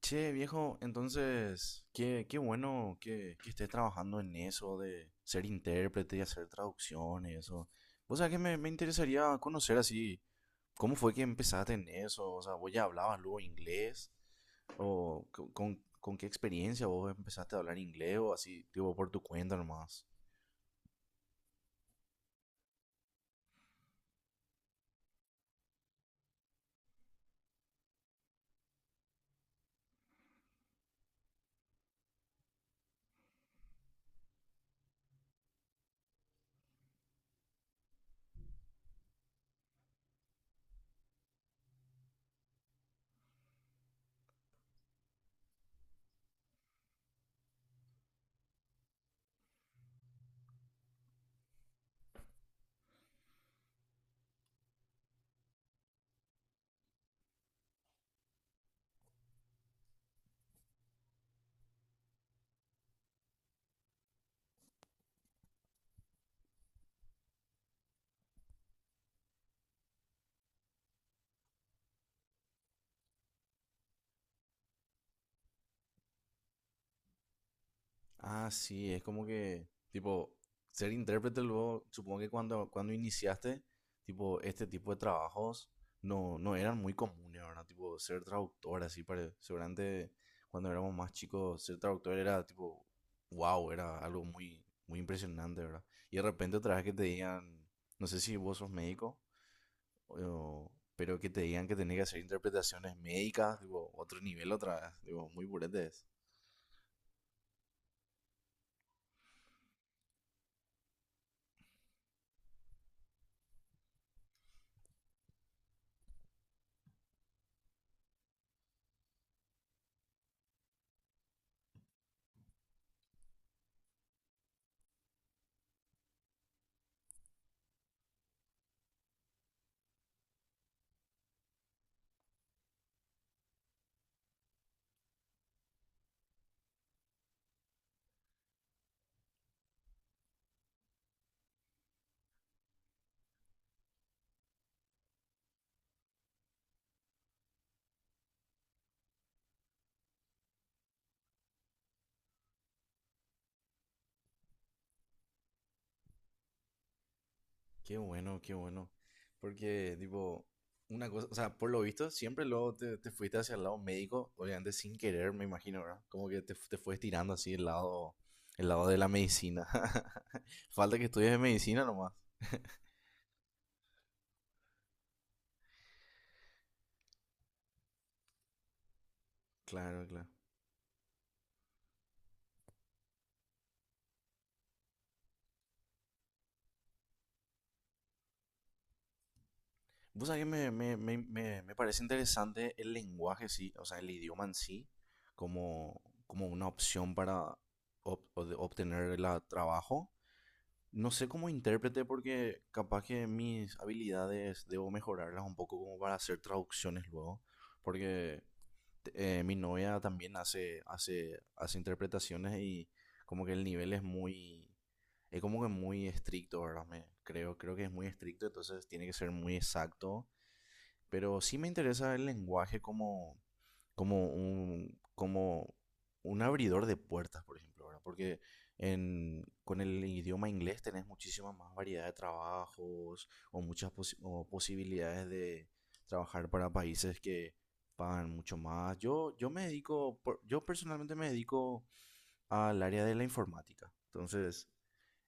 Che, viejo, entonces, qué bueno que estés trabajando en eso de ser intérprete y hacer traducciones eso. O sea, que me interesaría conocer así, ¿cómo fue que empezaste en eso? O sea, ¿vos ya hablabas luego inglés? ¿O con qué experiencia vos empezaste a hablar inglés o así, tipo, por tu cuenta nomás? Ah, sí, es como que, tipo, ser intérprete luego, supongo que cuando iniciaste, tipo, este tipo de trabajos no eran muy comunes, ¿verdad? Tipo, ser traductor, así, seguramente cuando éramos más chicos, ser traductor era, tipo, wow, era algo muy, muy impresionante, ¿verdad? Y de repente otra vez que te digan, no sé si vos sos médico, pero que te digan que tenés que hacer interpretaciones médicas, tipo, otro nivel otra vez, digo, muy purete es. Qué bueno, qué bueno. Porque, tipo, una cosa, o sea, por lo visto, siempre luego te, te fuiste hacia el lado médico, obviamente sin querer, me imagino, ¿verdad? Como que te, te fuiste tirando así el lado de la medicina. Falta que estudies de medicina nomás. Claro, claro. Vos sabés que me parece interesante el lenguaje, sí, o sea, el idioma en sí, como, como una opción para obtener el trabajo. No sé cómo intérprete porque capaz que mis habilidades debo mejorarlas un poco como para hacer traducciones luego. Porque mi novia también hace interpretaciones y como que el nivel es muy... Es como que muy estricto, ¿verdad? Creo, creo que es muy estricto, entonces tiene que ser muy exacto, pero sí me interesa el lenguaje como, como un abridor de puertas, por ejemplo, ¿verdad? Porque en, con el idioma inglés tenés muchísima más variedad de trabajos o muchas posi- o posibilidades de trabajar para países que pagan mucho más. Yo me dedico, yo personalmente me dedico al área de la informática. Entonces,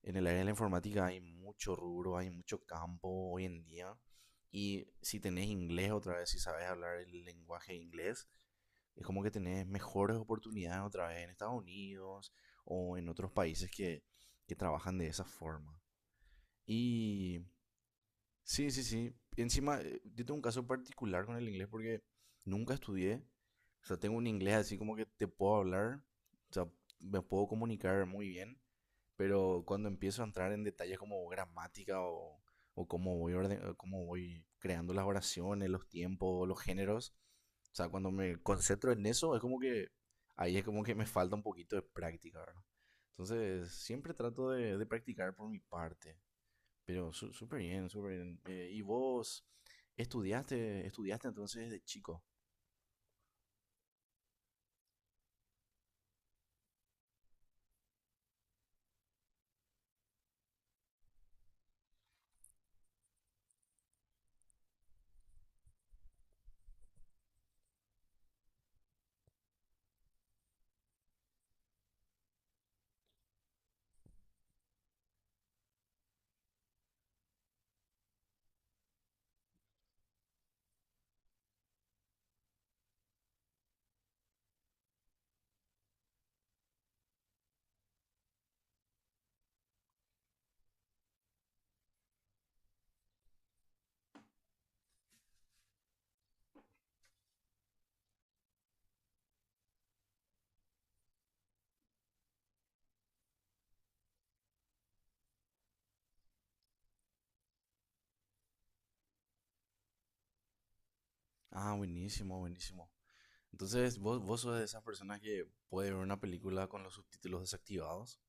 en el área de la informática hay mucho rubro, hay mucho campo hoy en día. Y si tenés inglés otra vez, si sabes hablar el lenguaje inglés, es como que tenés mejores oportunidades otra vez en Estados Unidos o en otros países que trabajan de esa forma. Y sí, sí, sí. Y encima, yo tengo un caso particular con el inglés porque nunca estudié. O sea, tengo un inglés así como que te puedo hablar, o sea, me puedo comunicar muy bien, pero cuando empiezo a entrar en detalles como gramática o cómo voy orden- o cómo voy creando las oraciones, los tiempos, los géneros, o sea, cuando me concentro en eso, es como que ahí es como que me falta un poquito de práctica, ¿verdad? Entonces, siempre trato de practicar por mi parte. Pero súper bien, súper bien. ¿Y vos estudiaste entonces desde chico? Ah, buenísimo, buenísimo. Entonces, ¿vos sos de esas personas que puede ver una película con los subtítulos desactivados?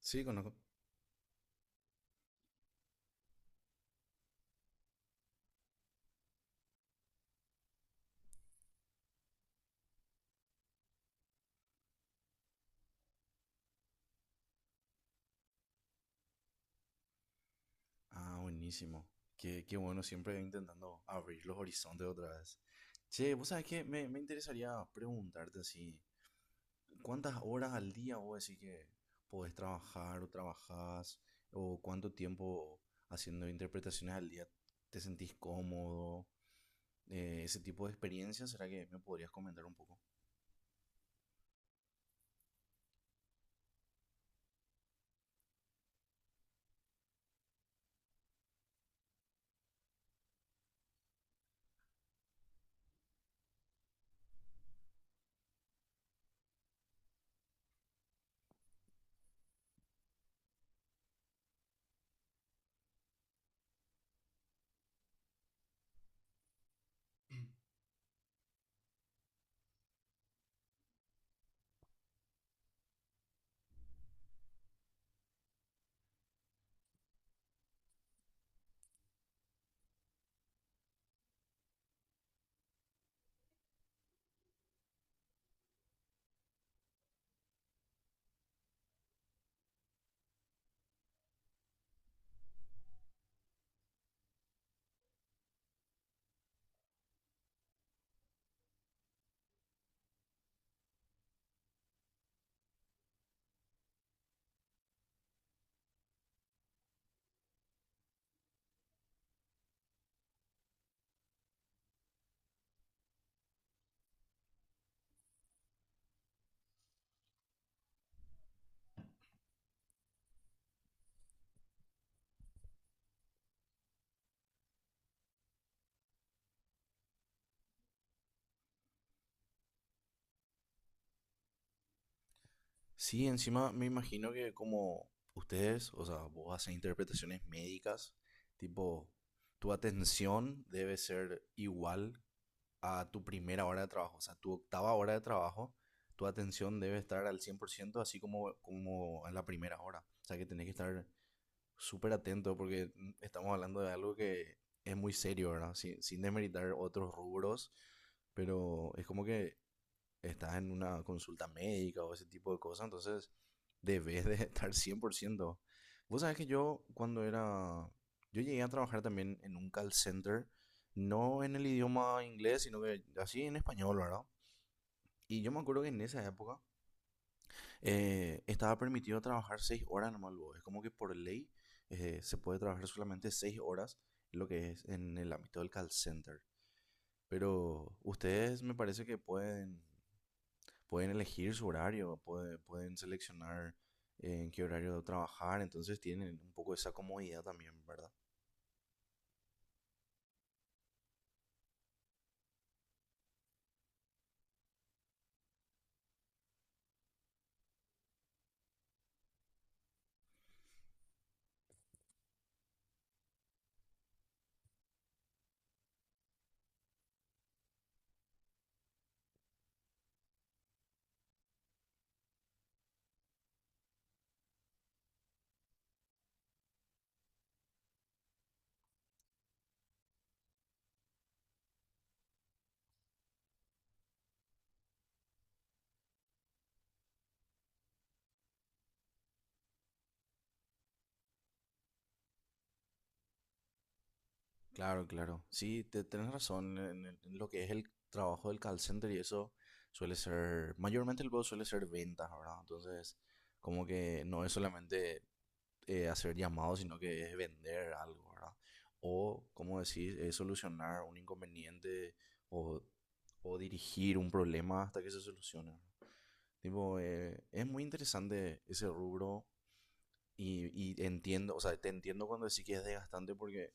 Sí, conozco. Ah, buenísimo. Qué, qué bueno, siempre intentando abrir los horizontes otra vez. Che, vos sabés que me interesaría preguntarte así, ¿cuántas horas al día vos decís que podés trabajar o trabajás? ¿O cuánto tiempo haciendo interpretaciones al día te sentís cómodo? Ese tipo de experiencias, ¿será que me podrías comentar un poco? Sí, encima me imagino que como ustedes, o sea, vos haces interpretaciones médicas, tipo, tu atención debe ser igual a tu primera hora de trabajo, o sea, tu octava hora de trabajo, tu atención debe estar al 100%, así como, como en la primera hora. O sea, que tenés que estar súper atento porque mm, estamos hablando de algo que es muy serio, ¿verdad? Sin desmeritar otros rubros, pero es como que estás en una consulta médica o ese tipo de cosas, entonces debes de estar 100%. Vos sabés que yo cuando era... Yo llegué a trabajar también en un call center, no en el idioma inglés, sino que así en español, ¿verdad? Y yo me acuerdo que en esa época estaba permitido trabajar 6 horas nomás, luego. Es como que por ley se puede trabajar solamente 6 horas, lo que es en el ámbito del call center. Pero ustedes me parece que pueden pueden elegir su horario, pueden seleccionar en qué horario trabajar, entonces tienen un poco esa comodidad también, ¿verdad? Claro, claro. Sí, te, tenés razón en, en lo que es el trabajo del call center y eso suele ser, mayormente el juego suele ser ventas, ¿verdad? Entonces, como que no es solamente hacer llamados, sino que es vender algo, ¿verdad? O, como decís, es solucionar un inconveniente o, o dirigir un problema hasta que se solucione. Tipo, es muy interesante ese rubro y entiendo, o sea, te entiendo cuando decís que es desgastante porque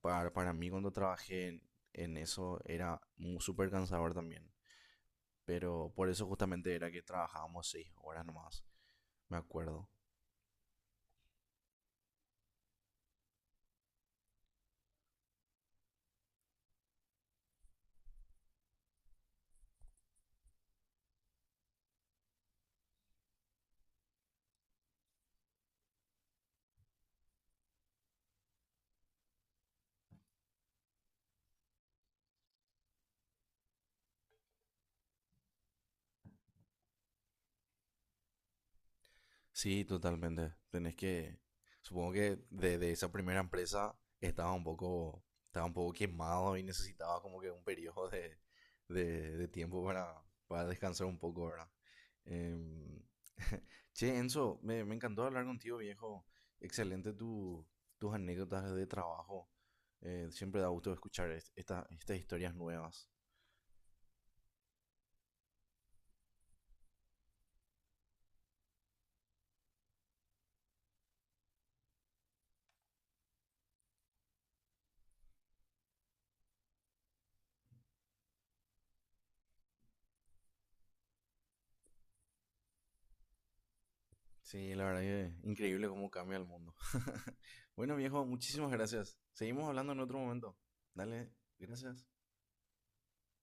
para mí cuando trabajé en eso era súper cansador también. Pero por eso justamente era que trabajábamos 6 horas nomás, me acuerdo. Sí, totalmente. Tenés que, supongo que de esa primera empresa estaba un poco quemado y necesitaba como que un periodo de tiempo para descansar un poco, ¿verdad? Em, che, Enzo, me encantó hablar contigo, viejo. Excelente tu, tus anécdotas de trabajo. Siempre da gusto escuchar estas historias nuevas. Sí, la verdad que increíble cómo cambia el mundo. Bueno, viejo, muchísimas gracias. Seguimos hablando en otro momento. Dale, gracias.